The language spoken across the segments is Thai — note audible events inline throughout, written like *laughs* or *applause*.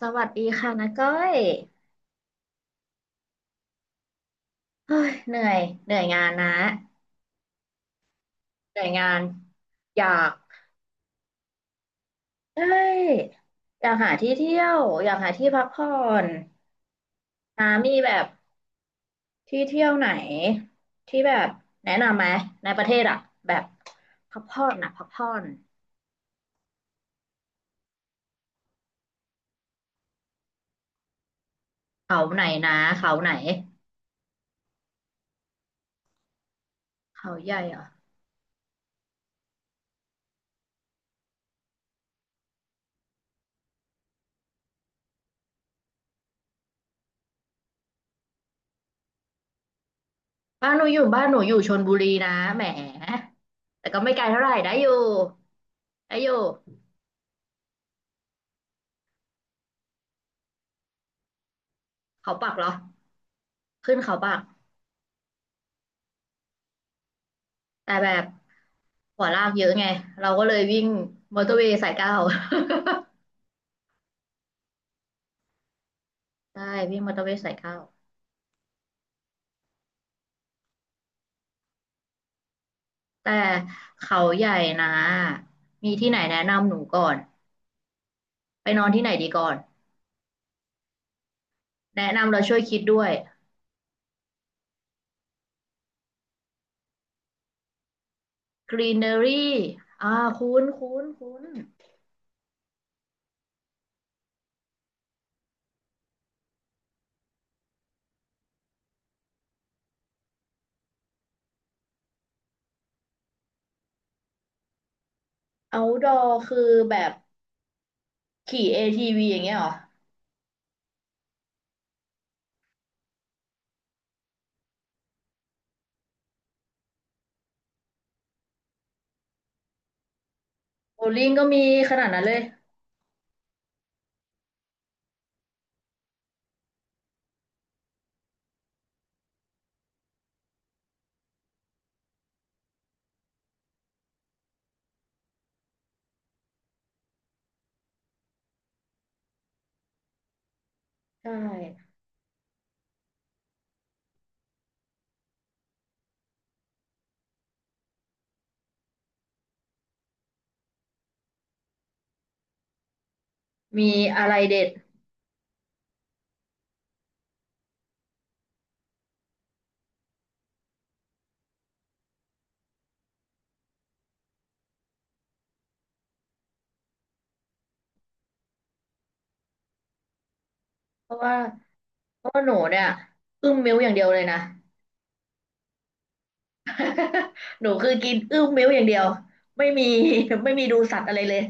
สวัสดีค่ะนะก้อยเฮ้ยเหนื่อย เหนื่อยงานนะเหนื่อยงานอยากเอ้ยอยากหาที่เที่ยวอยากหาที่พักผ่อนนะมีแบบที่เที่ยวไหนที่แบบแนะนำไหมในประเทศอะแบบพักผ่อนนะพักผ่อนเขาไหนนะเขาไหนเขาใหญ่เหรอบ้านหนูอยู่บ้านหนูอยู่ชลบุรีนะแหมแต่ก็ไม่ไกลเท่าไหร่ได้อยู่ได้อยู่เขาปักเหรอขึ้นเขาปักแต่แบบ ขววลากเยอะไงเราก็เลยวิ่งมอเตอร์เวย์สายเก้า *laughs* ใช่วิ่งมอเตอร์เวย์สายเก้าแต่เขาใหญ่นะมีที่ไหนแนะนำหนูก่อนไปนอนที่ไหนดีก่อนแนะนำเราช่วยคิดด้วย Greenery อ่าคุ้นคุ้นคุ้น Outdoor คือแบบขี่ ATV อทีวีอย่างเงี้ยเหรอโบลิ่งก็มีขนาดนั้นเลยใช่มีอะไรเด็ดเพราะว่าเพราะว่าหนูเนี่ยอึ้งมิ้วอย่างเดียวเลยนะ *laughs* หนูคือกินอึ้มมิ้วอย่างเดียวไม่มี *laughs* ไม่มีดูสัตว์อะไรเลย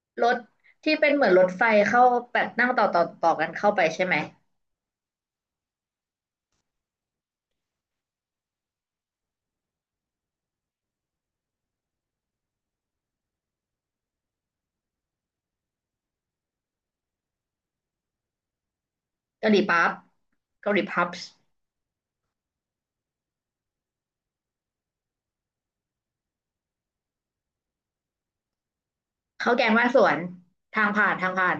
*laughs* รถที่เป็นเหมือนรถไฟเข้าแบบนั่งต่อต่อต่อกันเข้าไปใช่ไหมเกาหลีปั๊บเกาหลีพับเข้าวแกงบ้านสวนทางผ่านทางผ่าน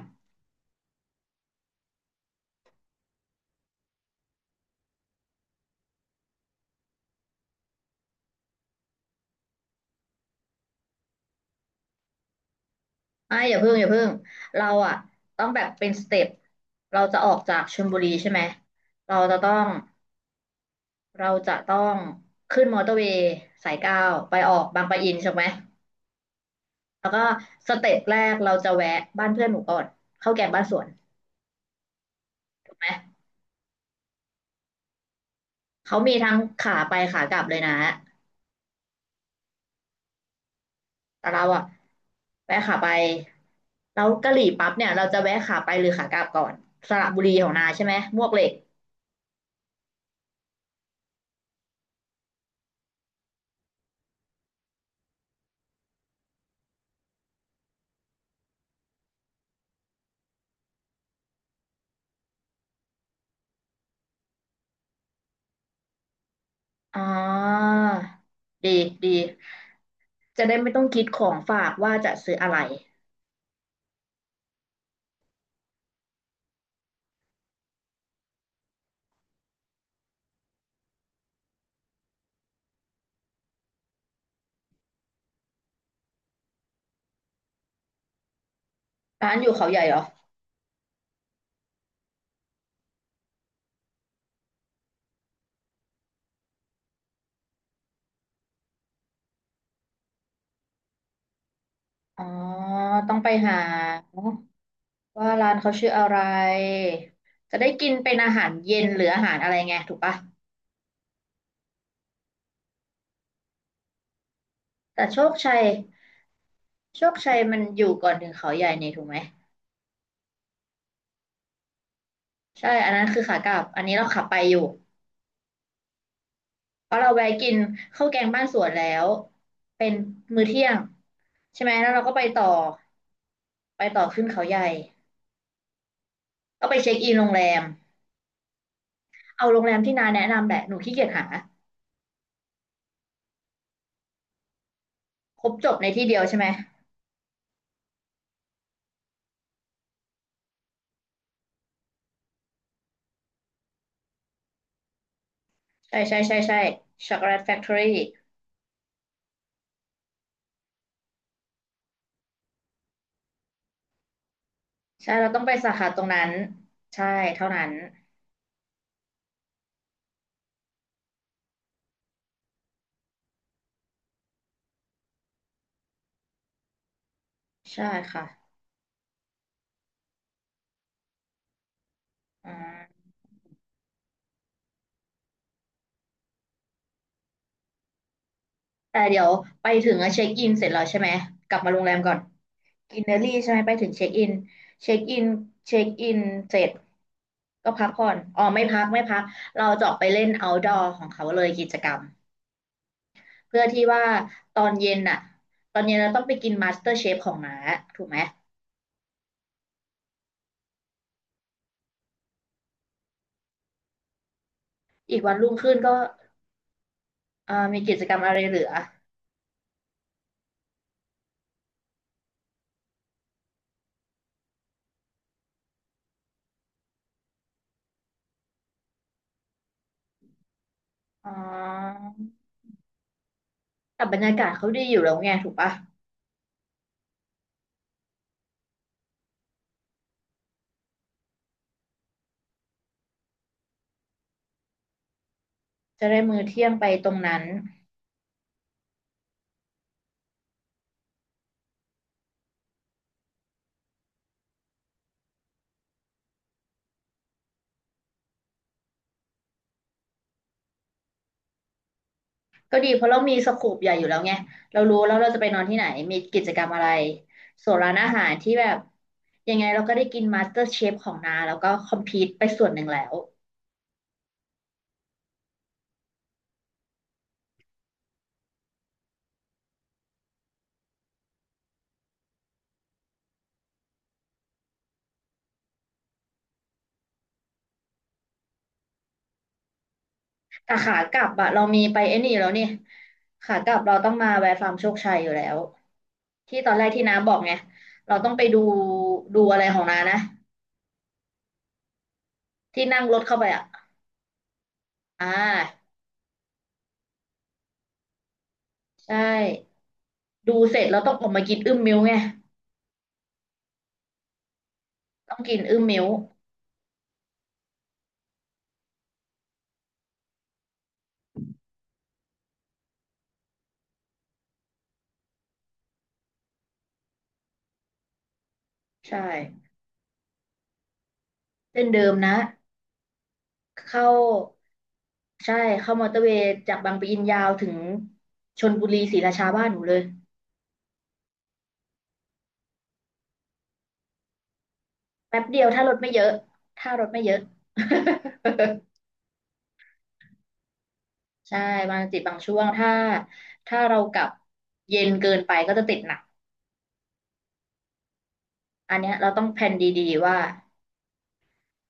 อ่ะอย่าเพิ่งอย่าเพิ่งเราอ่ะต้องแบบเป็นสเต็ปเราจะออกจากชลบุรีใช่ไหมเราจะต้องเราจะต้องขึ้นมอเตอร์เวย์สายเก้าไปออกบางปะอินใช่ไหม แล้วก็สเต็ปแรกเราจะแวะบ้านเพื่อนหนูก่อนข้าวแกงบ้านสวนถูกไหมเขามีทั้งขาไปขากลับเลยนะแต่เราอะแวะขาไปแล้วกะหรี่ปั๊บเนี่ยเราจะแวะขาไปหรือขากลับก่อนสระบุรีของนาใช่ไหมมวกเหล็กอ๋อดีดีจะได้ไม่ต้องคิดของฝากว่าจะซื้ออะไรร้านอยู่เขาใหญ่เหรออ๋อต้องไปหาว่าร้านเขาชื่ออะไรจะได้กินเป็นอาหารเย็นหรืออาหารอะไรไงถูกปะ แต่โชคชัยโชคชัยมันอยู่ก่อนถึงเขาใหญ่นี่ถูกไหมใช่อันนั้นคือขากลับอันนี้เราขับไปอยู่เพราะเราแวะกินข้าวแกงบ้านสวนแล้วเป็นมื้อเที่ยงใช่ไหมแล้วเราก็ไปต่อไปต่อขึ้นเขาใหญ่ก็ไปเช็คอินโรงแรมเอาโรงแรมที่นาแนะนำแหละหนูขี้เกียจหาครบจบในที่เดียวใช่ไหมใช่ใช่ใช่ใช่ช็อกโกแลตแฟคทอรี่ใช่เราต้องไปสาขาตรงนั้นใช่เท่านั้นใช่ค่ะอืม แต่เดี๋ยวไปถึงอะเช็คอินเสร็จแล้วใช่ไหมกลับมาโรงแรมก่อนกินเนอรี่ใช่ไหมไปถึงเช็คอินเช็คอินเช็คอินเสร็จก็พักผ่อนอ๋อไม่พักไม่พักเราจะออกไปเล่น outdoor ของเขาเลยกิจกรรมเพื่อที่ว่าตอนเย็นน่ะตอนเย็นเราต้องไปกิน Master Chef ของน้าถูกไหมอีกวันรุ่งขึ้นก็มีกิจกรรมอะไรเหลืออ๋อแต่บรรยากาศเขาดีอยู่แล้วไงถูกปะจะได้มื้อเที่ยงไปตรงนั้น ก็ดีเพราะเรามีสโคปใหญ่อยู่แล้วไงเรารู้แล้วเราจะไปนอนที่ไหน มีกิจกรรมอะไรส่วนร้านอาหารที่แบบยังไงเราก็ได้กินมาสเตอร์เชฟของนาแล้วก็คอมพีตไปส่วนหนึ่งแล้ว แต่ขากลับอะเรามีไปไอ้นี่แล้วนี่ขากลับเราต้องมาแวะฟาร์มโชคชัยอยู่แล้วที่ตอนแรกที่น้าบอกไงเราต้องไปดูดูอะไรของนานะที่นั่งรถเข้าไปอะอ่าใช่ดูเสร็จเราต้องออกมากินอึ้มมิ้วไงต้องกินอึ้มมิ้วใช่เส้นเดิมนะเข้า ใช่เข้ามอเตอร์เวย์จากบางปะอินยาวถึงชลบุรีศรีราชาบ้านหนูเลยแป๊บเดียวถ้ารถไม่เยอะถ้ารถไม่เยอะ *laughs* ใช่บางจิตบางช่วงถ้าถ้าเรากลับเย็นเกินไปก็จะติดหนักอันเนี้ยเราต้องแพลนดีๆว่า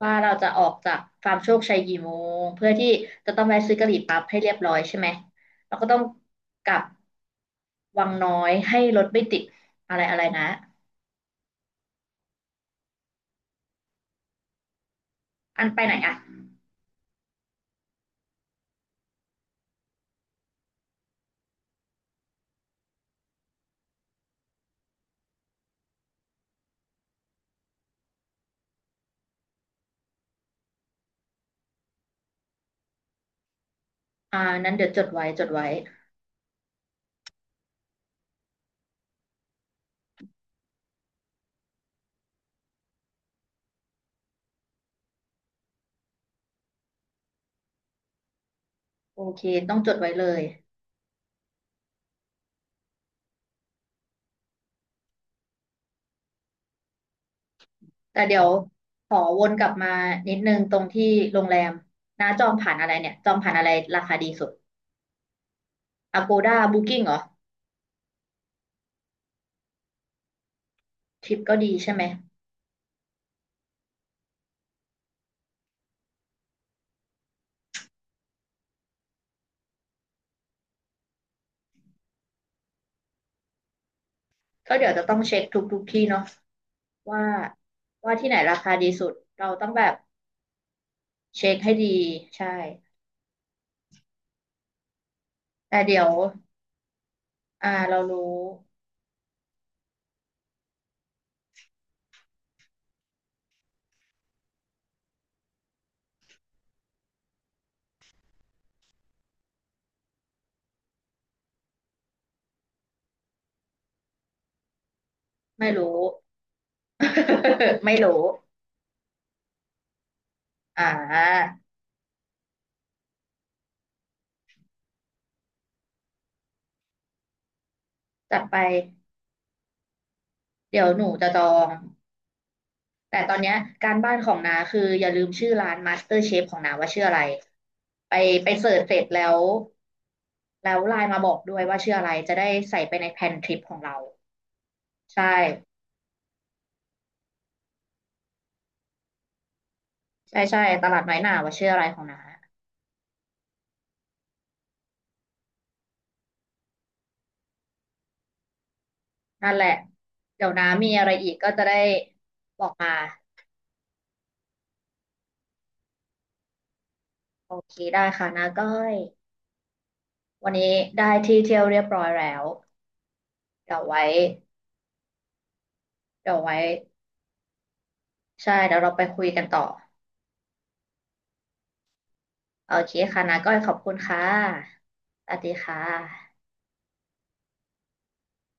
ว่าเราจะออกจากฟาร์มโชคชัยกี่โมงเพื่อที่จะต้องแวะซื้อกะหรี่ปั๊บให้เรียบร้อยใช่ไหมเราก็ต้องกลับวังน้อยให้รถไม่ติดอะไรอะไรนะอันไปไหนอ่ะอ่านั้นเดี๋ยวจดไว้จดไว้ โอเคต้องจดไว้เลยแต่เดี๋ยวขอวนกลับมานิดนึงตรงที่โรงแรมนะจองผ่านอะไรเนี่ยจองผ่านอะไรราคาดีสุด Agoda Booking เหรอทริปก็ดีใช่ไหมก็เดี๋ยวจะต้องเช็คทุกทุกที่เนาะว่าว่าที่ไหนราคาดีสุดเราต้องแบบเช็คให้ดีใช่แต่เดี๋ยวอ่าเรารู้ไม่รู้ *laughs* ไม่รู้อ่าจัดไปเดี๋ยวหนูจะจอง แต่ตอนเนี้ยการบ้านของนาคืออย่าลืมชื่อร้าน Master Chef ของนาว่าชื่ออะไรไปไปเสิร์ชเสร็จแล้วแล้วไลน์มาบอกด้วยว่าชื่ออะไรจะได้ใส่ไปในแพลนทริปของเราใช่ใช่ใช่ตลาดน้อยหน่าว่าชื่ออะไรของนานั่นแหละเดี๋ยวนามีอะไรอีกก็จะได้บอกมาโอเคได้ค่ะนาก้อยวันนี้ได้ที่เที่ยวเรียบร้อยแล้วเดี๋ยวไว้เดี๋ยวไว้ใช่เดี๋ยวเราไปคุยกันต่อ โอเคค่ะนะก้อยขอบคุณค่ะสวัสดีค่ะ